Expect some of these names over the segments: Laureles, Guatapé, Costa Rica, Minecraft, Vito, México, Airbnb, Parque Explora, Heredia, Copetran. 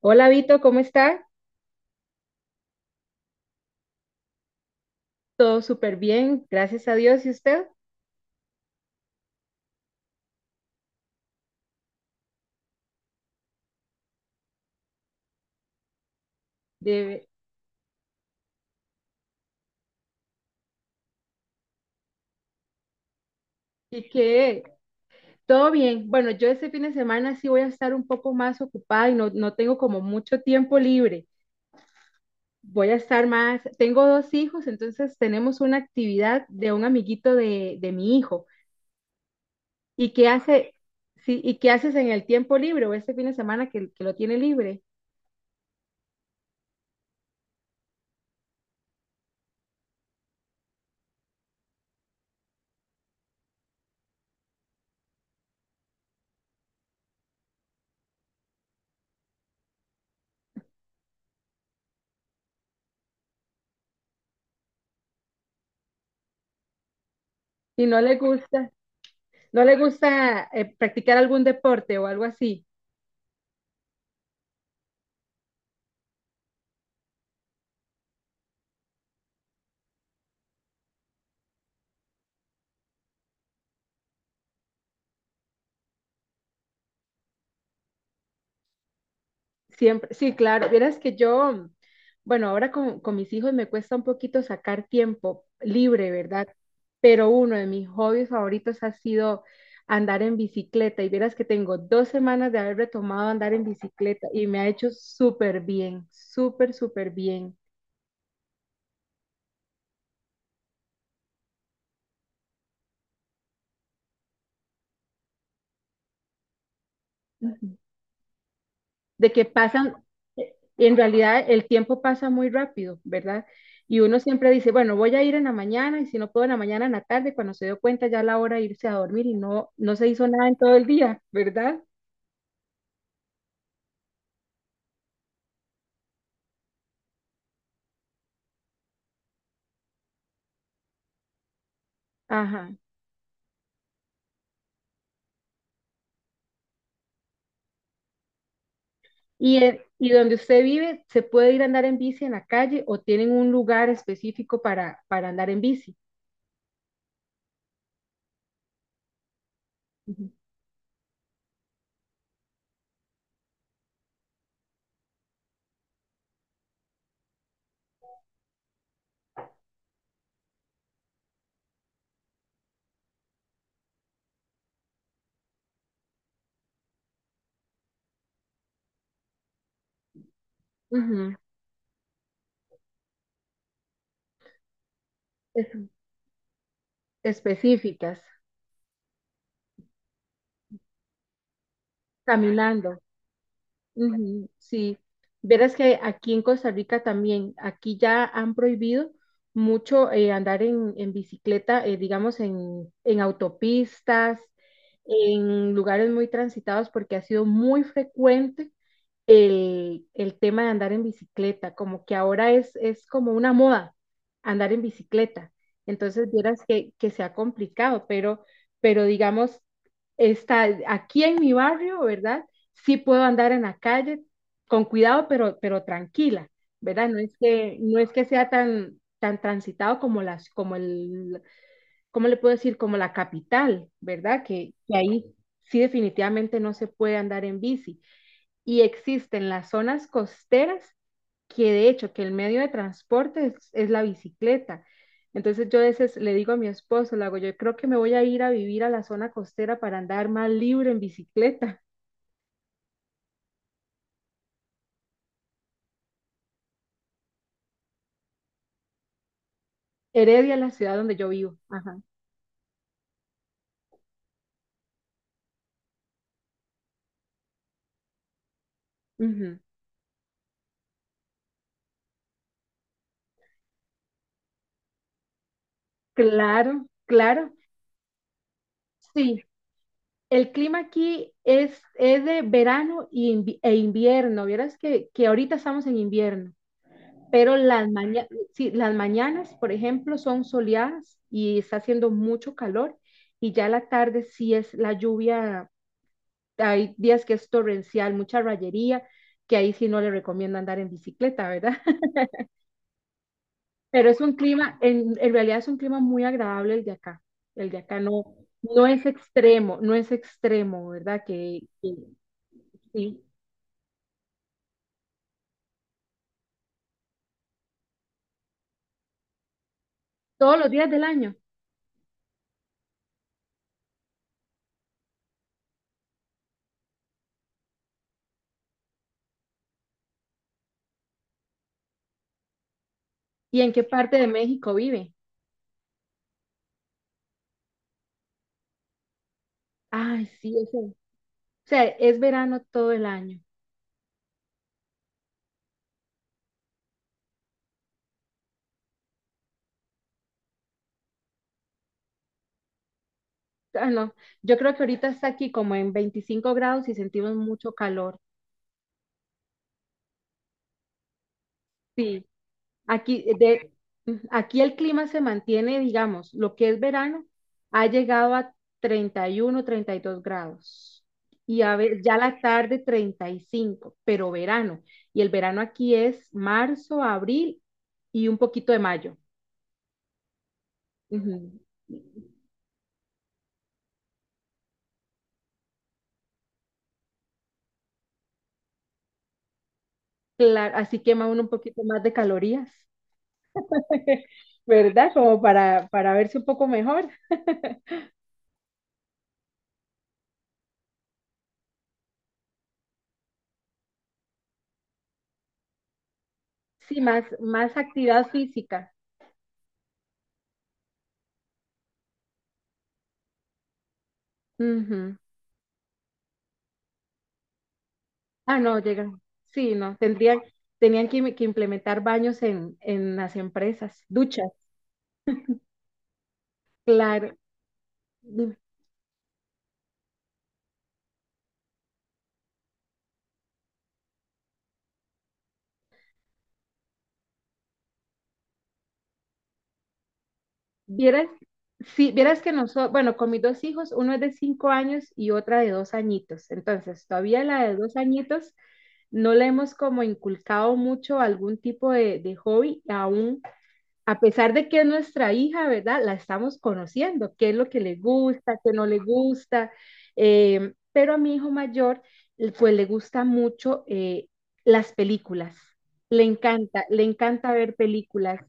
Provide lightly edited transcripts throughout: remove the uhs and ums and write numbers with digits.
Hola Vito, ¿cómo está? Todo súper bien, gracias a Dios. ¿Y usted? De- ¿Y qué? Todo bien. Bueno, yo este fin de semana sí voy a estar un poco más ocupada y no tengo como mucho tiempo libre. Voy a estar más, tengo dos hijos, entonces tenemos una actividad de un amiguito de mi hijo. ¿Y qué hace? Sí, ¿y qué haces en el tiempo libre o este fin de semana que lo tiene libre? Y no le gusta, no le gusta practicar algún deporte o algo así. Siempre, sí, claro. Vieras que yo, bueno, ahora con mis hijos me cuesta un poquito sacar tiempo libre, ¿verdad? Pero uno de mis hobbies favoritos ha sido andar en bicicleta. Y vieras que tengo dos semanas de haber retomado andar en bicicleta y me ha hecho súper bien, súper, súper bien. De que pasan, en realidad el tiempo pasa muy rápido, ¿verdad? Y uno siempre dice, bueno, voy a ir en la mañana y si no puedo en la mañana, en la tarde, cuando se dio cuenta ya la hora de irse a dormir y no se hizo nada en todo el día, ¿verdad? Ajá. Y donde usted vive, ¿se puede ir a andar en bici en la calle o tienen un lugar específico para andar en bici? Ujú. Ujú. Es- Específicas, caminando. Ujú, sí, verás que aquí en Costa Rica también, aquí ya han prohibido mucho andar en bicicleta, digamos, en autopistas, en lugares muy transitados, porque ha sido muy frecuente el tema de andar en bicicleta, como que ahora es como una moda andar en bicicleta. Entonces, vieras que se ha complicado, pero digamos, está aquí en mi barrio, ¿verdad? Sí puedo andar en la calle con cuidado, pero tranquila, ¿verdad? No es que, no es que sea tan, tan transitado como las, como el, ¿cómo le puedo decir? Como la capital, ¿verdad? Que ahí sí definitivamente no se puede andar en bici y existen las zonas costeras que de hecho que el medio de transporte es la bicicleta. Entonces yo a veces le digo a mi esposo, le hago, yo creo que me voy a ir a vivir a la zona costera para andar más libre en bicicleta. Heredia es la ciudad donde yo vivo. Ajá. Ujú. Claro, claro. Sí, el clima aquí es de verano y e invierno. Vieras que ahorita estamos en invierno. Pero las sí, las mañanas, por ejemplo, son soleadas y está haciendo mucho calor y ya la tarde sí es la lluvia, hay días que es torrencial, mucha rayería, que ahí sí no le recomiendo andar en bicicleta, ¿verdad? Pero es un clima, en realidad es un clima muy agradable el de acá. El de acá no, no es extremo, no es extremo, ¿verdad? Que sí, todos los días del año. ¿Y en qué parte de México vive? Ay, sí, eso. O sea, es verano todo el año. Ah, no, yo creo que ahorita está aquí como en 25 grados y sentimos mucho calor. Sí, aquí, de, aquí el clima se mantiene, digamos, lo que es verano ha llegado a 31, 32 grados y ya la tarde 35, pero verano. Y el verano aquí es marzo, abril y un poquito de mayo. Ujú. Claro, así quema uno un poquito más de calorías, ¿verdad? Como para verse un poco mejor. Sí, más, más actividad física. Ujú. Ah, no, llegan. Sí, no, tendrían, tenían que implementar baños en las empresas, duchas. Claro. Vieras, sí, vieras que nosotros, bueno, con mis dos hijos, uno es de 5 años y otra de 2 añitos. Entonces, todavía la de 2 añitos no le hemos como inculcado mucho algún tipo de hobby, aún a pesar de que es nuestra hija, ¿verdad? La estamos conociendo, qué es lo que le gusta, qué no le gusta. Pero a mi hijo mayor, pues le gusta mucho las películas. Le encanta ver películas.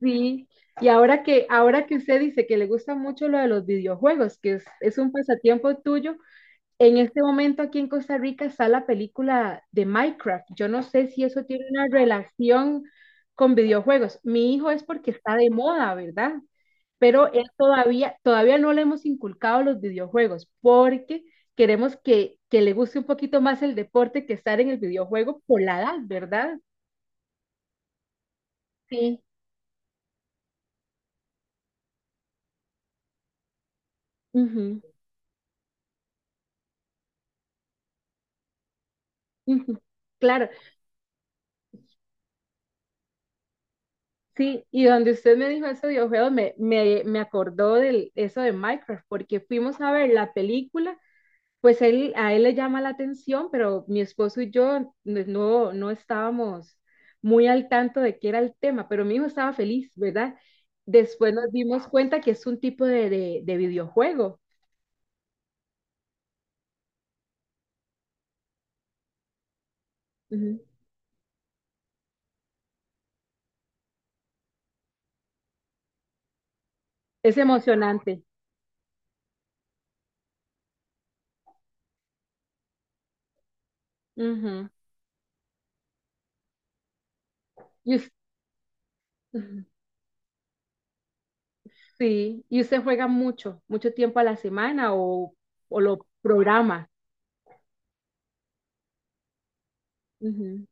Sí. Y ahora que usted dice que le gusta mucho lo de los videojuegos, es un pasatiempo tuyo, en este momento aquí en Costa Rica está la película de Minecraft. Yo no sé si eso tiene una relación con videojuegos. Mi hijo es porque está de moda, ¿verdad? Pero él todavía, todavía no le hemos inculcado los videojuegos porque queremos que le guste un poquito más el deporte que estar en el videojuego por la edad, ¿verdad? Sí. Ujú, ujú. Claro, sí, y donde usted me dijo eso de videojuegos, me acordó de eso de Minecraft, porque fuimos a ver la película. Pues él, a él le llama la atención, pero mi esposo y yo no, no no estábamos muy al tanto de qué era el tema, pero mi hijo estaba feliz, ¿verdad? Después nos dimos cuenta que es un tipo de videojuego. Ujú. Es emocionante. Ujú. Y us- ujú. Sí, y usted juega mucho, mucho tiempo a la semana o lo programa. Ujú.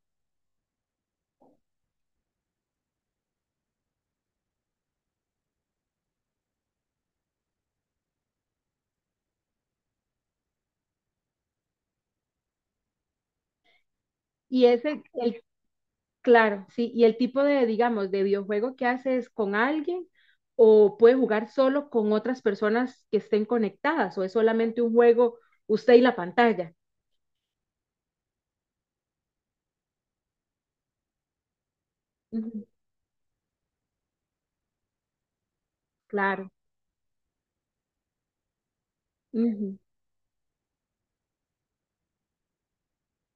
Y ese, el Claro, sí, y el tipo de, digamos, de videojuego que haces con alguien o puede jugar solo con otras personas que estén conectadas o es solamente un juego usted y la pantalla. Ujú, claro, ujú,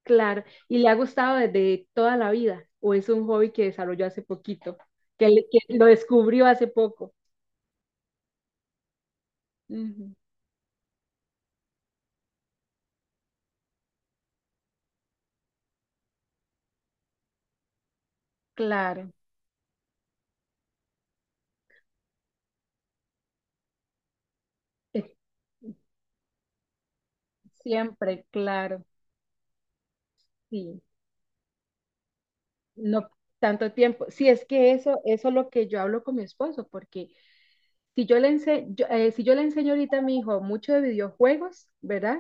claro. ¿Y le ha gustado desde toda la vida o es un hobby que desarrolló hace poquito, que, que lo descubrió hace poco? Ujú, claro, eh, siempre, claro, sí. No tanto tiempo. Sí, es que eso es lo que yo hablo con mi esposo, porque si yo yo, si yo le enseño ahorita a mi hijo mucho de videojuegos, ¿verdad?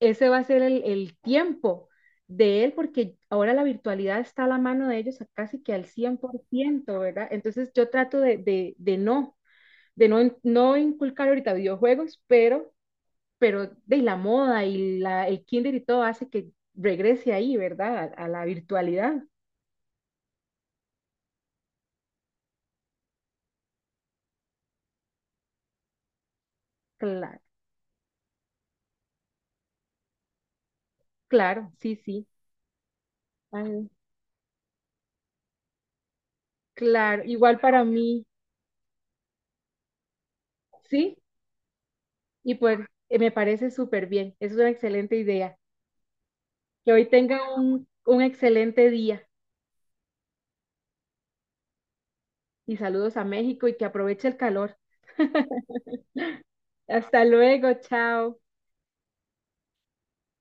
Ese va a ser el tiempo de él porque ahora la virtualidad está a la mano de ellos a casi que al 100%, ¿verdad? Entonces yo trato de no, no inculcar ahorita videojuegos, pero de la moda y la, el kinder y todo hace que regrese ahí, ¿verdad? A la virtualidad. Claro, claro, sí, sí. Ay, claro, igual para mí, ¿sí? Y pues me parece súper bien, es una excelente idea. Que hoy tenga un excelente día y saludos a México y que aproveche el calor. Hasta luego, chao.